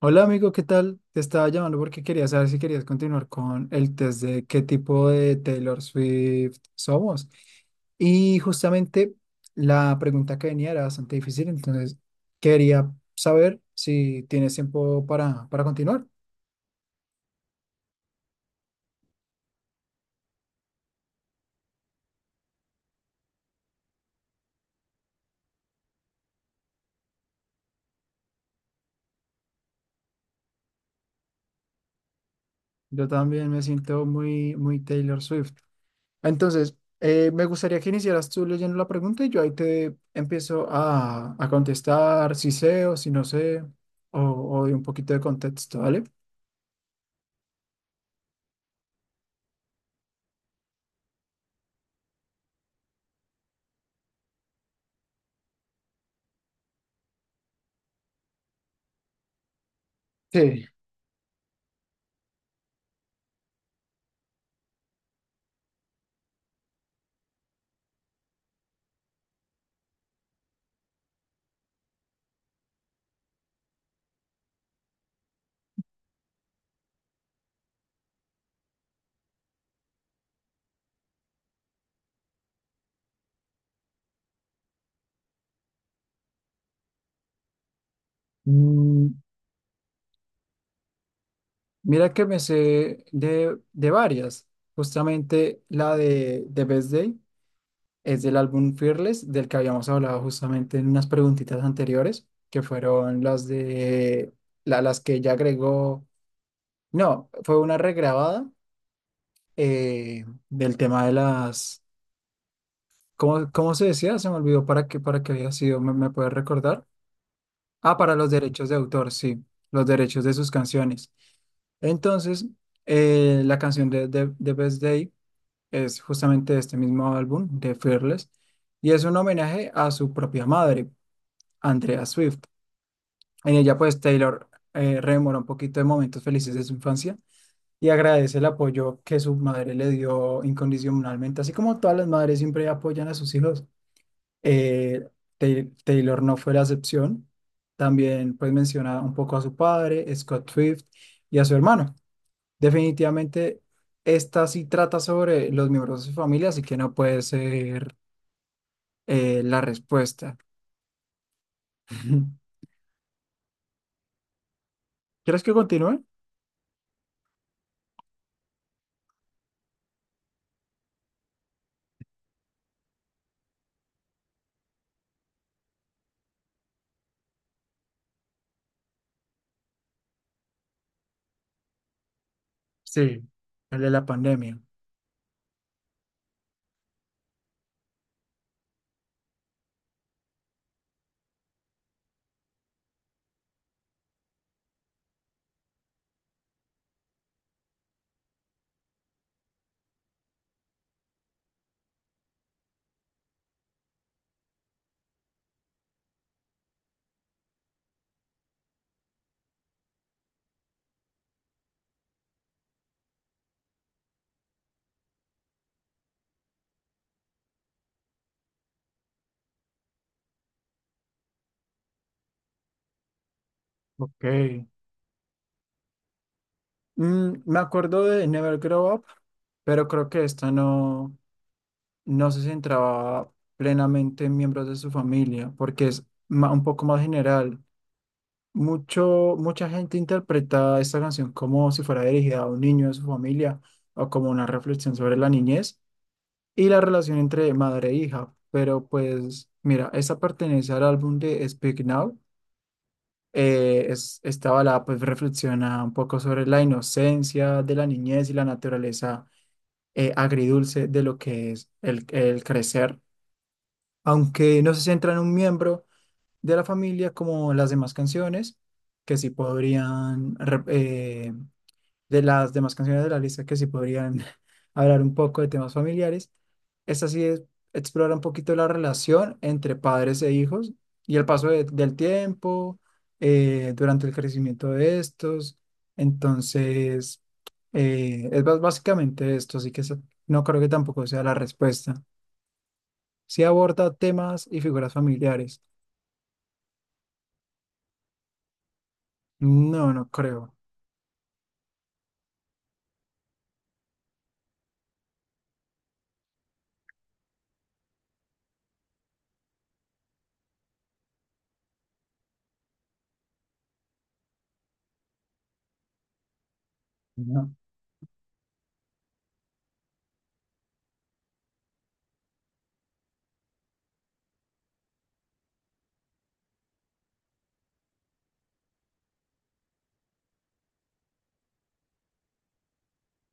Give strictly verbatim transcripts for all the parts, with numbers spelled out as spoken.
Hola amigo, ¿qué tal? Te estaba llamando porque quería saber si querías continuar con el test de qué tipo de Taylor Swift somos. Y justamente la pregunta que venía era bastante difícil, entonces quería saber si tienes tiempo para, para continuar. Yo también me siento muy, muy Taylor Swift. Entonces, eh, me gustaría que iniciaras tú leyendo la pregunta y yo ahí te empiezo a, a contestar si sé o si no sé, o, o de un poquito de contexto, ¿vale? Sí. Mm, Mira que me sé de, de varias. Justamente la de de Best Day es del álbum Fearless, del que habíamos hablado justamente en unas preguntitas anteriores, que fueron las de la- las que ella agregó. No, fue una regrabada eh, del tema de las. ¿Cómo, cómo se decía? Se me olvidó para qué, para qué había sido. ¿Me, me puedes recordar? Ah, para los derechos de autor, sí, los derechos de sus canciones. Entonces, eh, la canción de, de, de Best Day es justamente de este mismo álbum, de Fearless, y es un homenaje a su propia madre, Andrea Swift. En ella, pues, Taylor eh, rememora un poquito de momentos felices de su infancia y agradece el apoyo que su madre le dio incondicionalmente, así como todas las madres siempre apoyan a sus hijos. Eh, Tay- Taylor no fue la excepción. También pues menciona un poco a su padre, Scott Swift, y a su hermano. Definitivamente esta sí trata sobre los miembros de su familia, así que no puede ser eh, la respuesta. ¿Quieres que continúe? Sí, el de la pandemia. Ok. Mm, me acuerdo de Never Grow Up, pero creo que esta no, no se centraba plenamente en miembros de su familia, porque es ma- un poco más general. Mucho, mucha gente interpreta esta canción como si fuera dirigida a un niño de su familia o como una reflexión sobre la niñez y la relación entre madre e hija. Pero pues mira, esta pertenece al álbum de Speak Now. Eh, es, esta balada pues reflexiona un poco sobre la inocencia de la niñez y la naturaleza eh, agridulce de lo que es el, el crecer. Aunque no se centra en un miembro de la familia como las demás canciones, que sí podrían, rep- eh, de las demás canciones de la lista, que sí podrían hablar un poco de temas familiares. Esta sí es- explora un poquito la relación entre padres e hijos y el paso de- del tiempo, eh, durante el crecimiento de estos. Entonces, eh, es bas- básicamente esto, así que eso no creo que tampoco sea la respuesta. Si aborda temas y figuras familiares. No, no creo.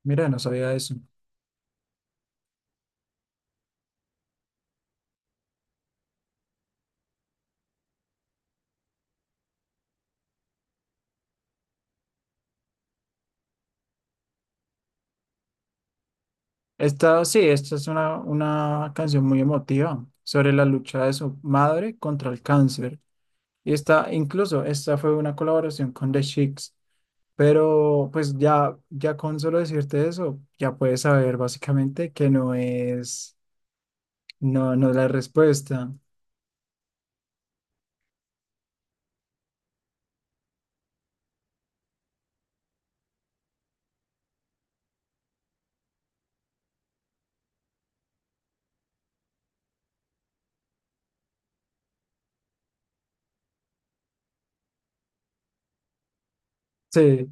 Mira, no sabía eso. Esta, sí, esta es una, una canción muy emotiva sobre la lucha de su madre contra el cáncer. Y esta, incluso, esta fue una colaboración con The Chicks. Pero pues ya, ya con solo decirte eso, ya puedes saber básicamente que no es, no, no es la respuesta. Sí.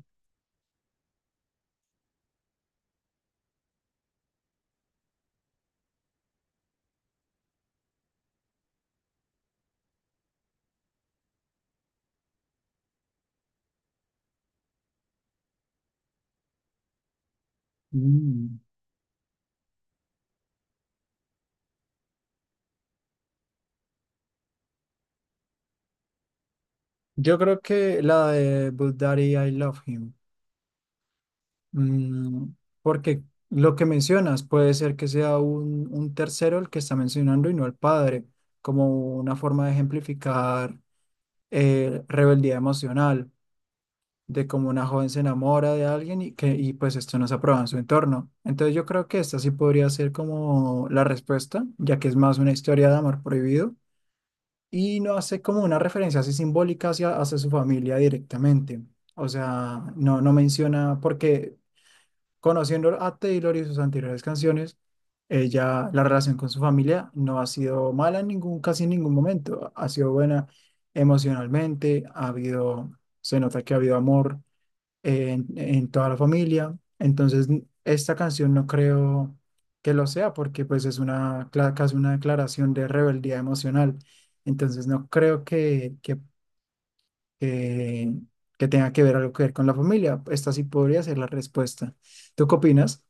Mm. Yo creo que la de But Daddy, I Love Him. Mm, porque lo que mencionas puede ser que sea un, un tercero el que está mencionando y no el padre, como una forma de ejemplificar eh, rebeldía emocional, de cómo una joven se enamora de alguien y que y pues esto no se aprueba en su entorno. Entonces yo creo que esta sí podría ser como la respuesta, ya que es más una historia de amor prohibido y no hace como una referencia así simbólica hacia, hacia su familia directamente. O sea, no, no menciona porque conociendo a Taylor y sus anteriores canciones, ella, la relación con su familia no ha sido mala en ningún, casi en ningún momento. Ha sido buena emocionalmente, ha habido, se nota que ha habido amor en, en toda la familia. Entonces, n- esta canción no creo que lo sea porque pues es una, cla- casi una declaración de rebeldía emocional. Entonces, no creo que, que, que, que tenga que ver algo que ver con la familia. Esta sí podría ser la respuesta. ¿Tú qué opinas?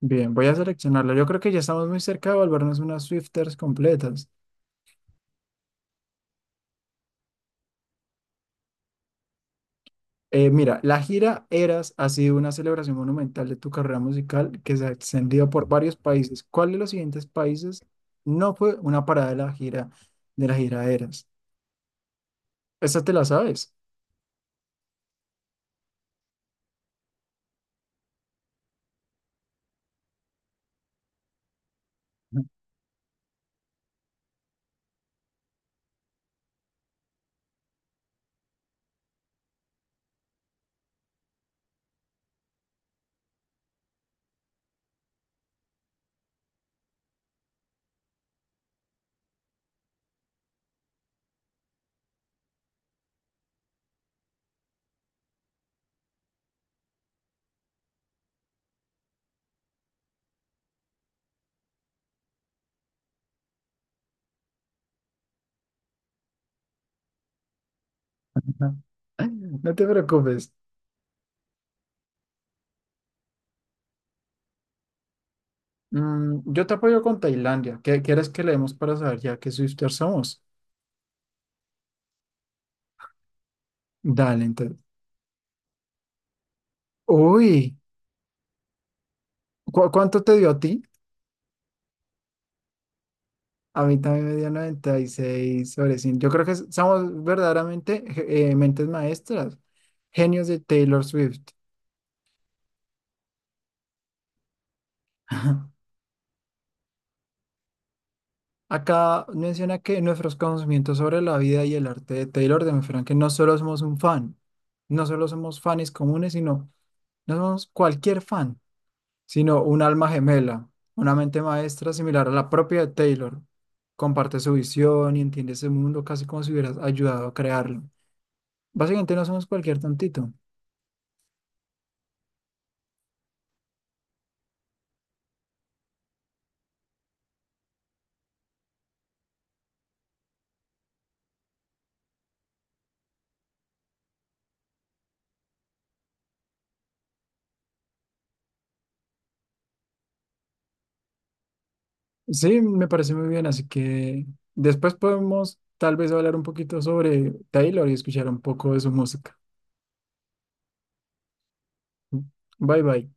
Bien, voy a seleccionarlo. Yo creo que ya estamos muy cerca de volvernos unas Swifters completas. Eh, mira, la gira Eras ha sido una celebración monumental de tu carrera musical que se ha extendido por varios países. ¿Cuál de los siguientes países no fue una parada de la gira de la gira Eras? Esta te la sabes. No te preocupes. Mm, yo te apoyo con Tailandia. ¿Qué quieres que leemos para saber ya qué Swifters somos? Dale, entonces. Uy, ¿cu- cuánto te dio a ti? A mí también me dio noventa y seis sobre cien. Yo creo que s- somos verdaderamente eh, mentes maestras, genios de Taylor Swift. Acá menciona que nuestros conocimientos sobre la vida y el arte de Taylor demuestran que no solo somos un fan, no solo somos fans comunes, sino no somos cualquier fan, sino un alma gemela, una mente maestra similar a la propia de Taylor. Comparte su visión y entiende ese mundo casi como si hubieras ayudado a crearlo. Básicamente no somos cualquier tontito. Sí, me parece muy bien, así que después podemos tal vez hablar un poquito sobre Taylor y escuchar un poco de su música. Bye bye.